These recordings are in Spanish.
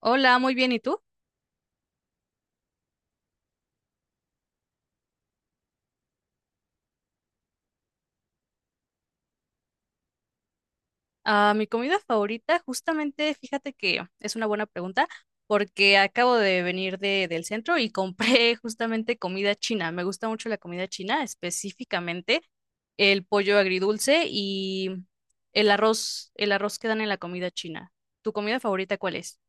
Hola, muy bien. ¿Y tú? Ah, mi comida favorita, justamente, fíjate que es una buena pregunta porque acabo de venir del centro y compré justamente comida china. Me gusta mucho la comida china, específicamente el pollo agridulce y el arroz que dan en la comida china. ¿Tu comida favorita cuál es?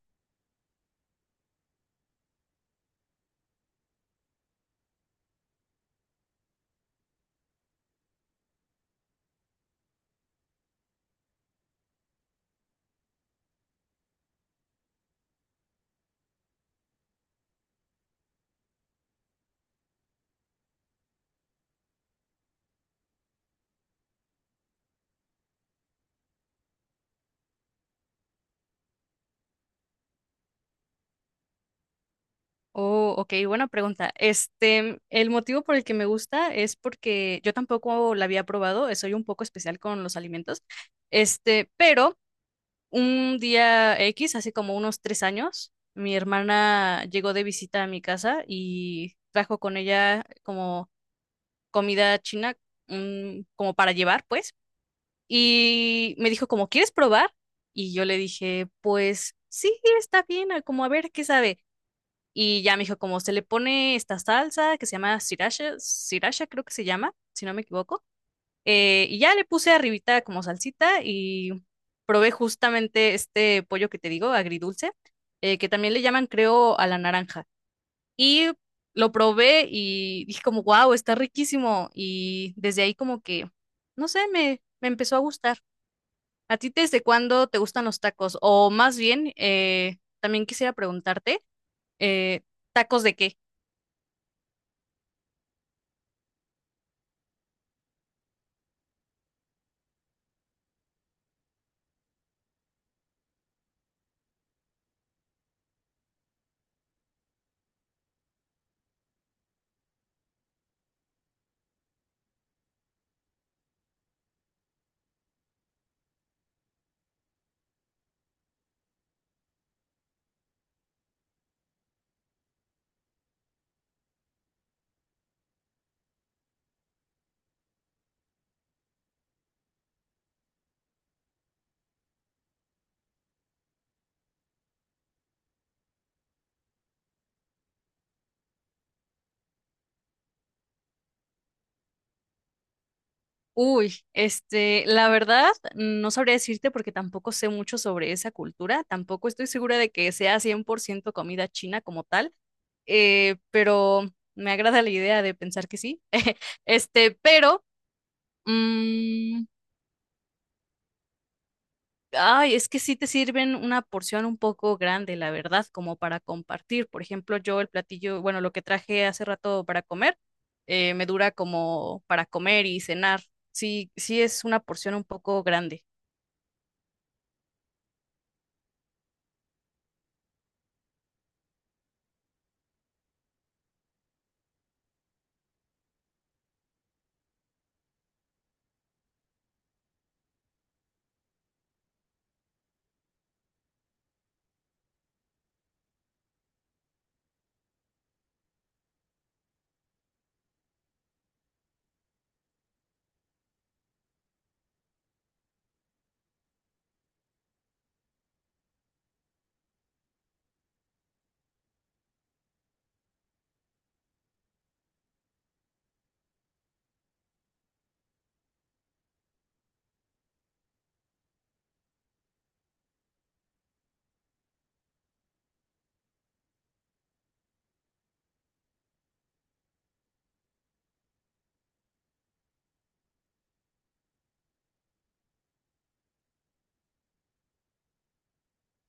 Oh, ok, buena pregunta. Este, el motivo por el que me gusta es porque yo tampoco la había probado, soy un poco especial con los alimentos. Este, pero un día X, hace como unos 3 años, mi hermana llegó de visita a mi casa y trajo con ella como comida china, como para llevar, pues. Y me dijo como, ¿quieres probar? Y yo le dije, pues sí, está bien, como a ver qué sabe. Y ya me dijo como, se le pone esta salsa que se llama sriracha, sriracha creo que se llama, si no me equivoco, y ya le puse arribita como salsita y probé justamente este pollo que te digo, agridulce, que también le llaman, creo, a la naranja. Y lo probé y dije como, wow, está riquísimo. Y desde ahí como que, no sé, me empezó a gustar. ¿A ti desde cuándo te gustan los tacos? O más bien, también quisiera preguntarte, eh, ¿tacos de qué? Uy, este, la verdad, no sabría decirte porque tampoco sé mucho sobre esa cultura, tampoco estoy segura de que sea 100% comida china como tal, pero me agrada la idea de pensar que sí. Este, pero, mm, ay, es que sí te sirven una porción un poco grande, la verdad, como para compartir. Por ejemplo, yo el platillo, bueno, lo que traje hace rato para comer, me dura como para comer y cenar. Sí, sí es una porción un poco grande.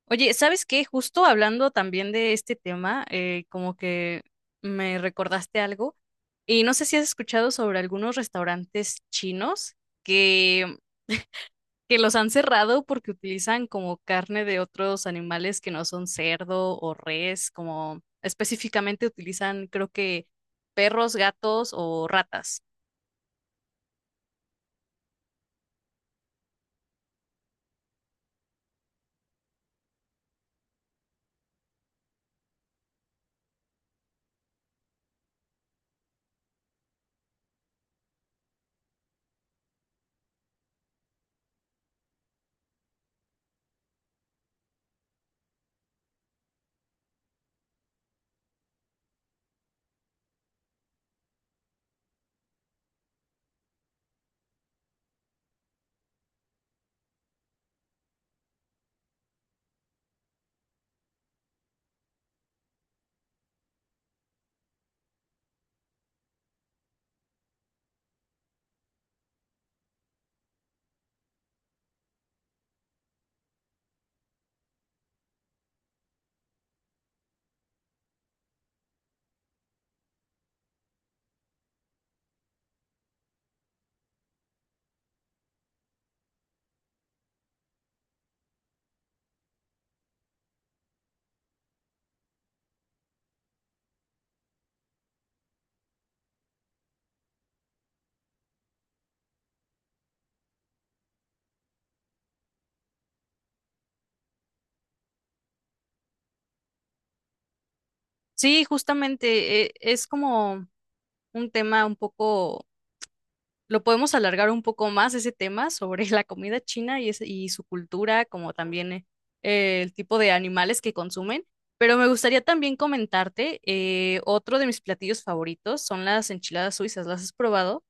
Oye, ¿sabes qué? Justo hablando también de este tema, como que me recordaste algo y no sé si has escuchado sobre algunos restaurantes chinos que, que los han cerrado porque utilizan como carne de otros animales que no son cerdo o res, como específicamente utilizan creo que perros, gatos o ratas. Sí, justamente, es como un tema un poco. Lo podemos alargar un poco más ese tema sobre la comida china y, y su cultura, como también el tipo de animales que consumen. Pero me gustaría también comentarte, otro de mis platillos favoritos son las enchiladas suizas. ¿Las has probado?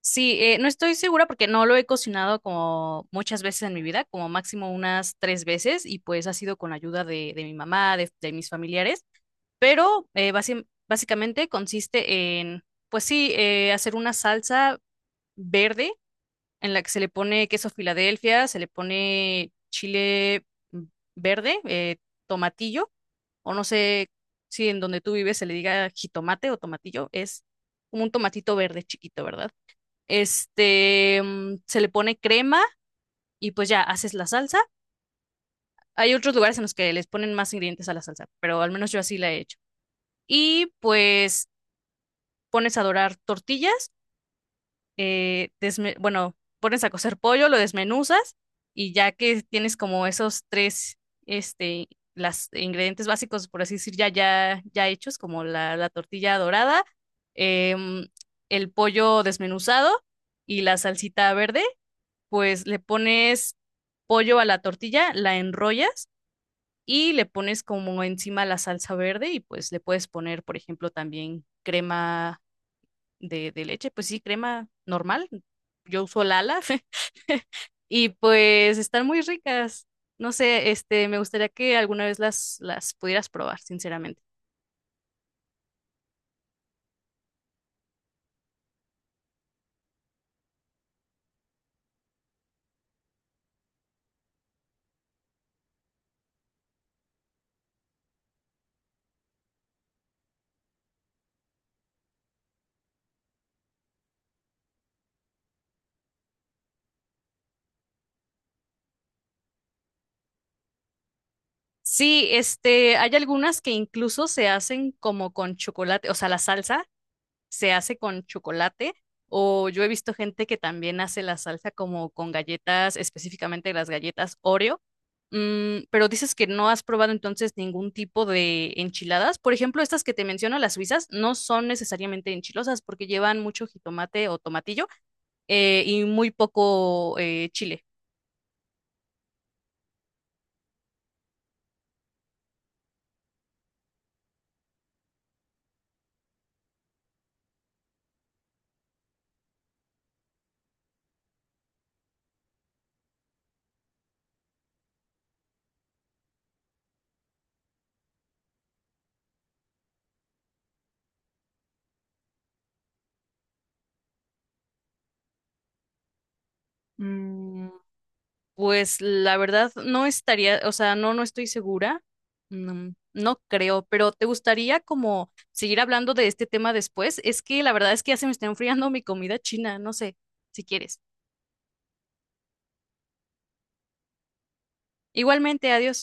Sí, no estoy segura porque no lo he cocinado como muchas veces en mi vida, como máximo unas 3 veces, y pues ha sido con ayuda de mi mamá, de mis familiares. Pero básicamente consiste en, pues sí, hacer una salsa verde en la que se le pone queso Filadelfia, se le pone chile verde, tomatillo, o no sé si en donde tú vives se le diga jitomate o tomatillo, es como un tomatito verde chiquito, ¿verdad? Este, se le pone crema y pues ya haces la salsa. Hay otros lugares en los que les ponen más ingredientes a la salsa, pero al menos yo así la he hecho. Y pues pones a dorar tortillas, bueno, pones a cocer pollo, lo desmenuzas y ya que tienes como esos tres, este, las ingredientes básicos, por así decir, ya hechos, como la tortilla dorada, em, el pollo desmenuzado y la salsita verde, pues le pones pollo a la tortilla, la enrollas y le pones como encima la salsa verde, y pues le puedes poner, por ejemplo, también crema de leche, pues sí, crema normal. Yo uso Lala y pues están muy ricas. No sé, este, me gustaría que alguna vez las pudieras probar, sinceramente. Sí, este, hay algunas que incluso se hacen como con chocolate, o sea, la salsa se hace con chocolate, o yo he visto gente que también hace la salsa como con galletas, específicamente las galletas Oreo. Mm, pero dices que no has probado entonces ningún tipo de enchiladas. Por ejemplo, estas que te menciono, las suizas, no son necesariamente enchilosas porque llevan mucho jitomate o tomatillo, y muy poco chile. Pues la verdad no estaría, o sea, no estoy segura. No, no creo, pero ¿te gustaría como seguir hablando de este tema después? Es que la verdad es que ya se me está enfriando mi comida china, no sé, si quieres. Igualmente, adiós.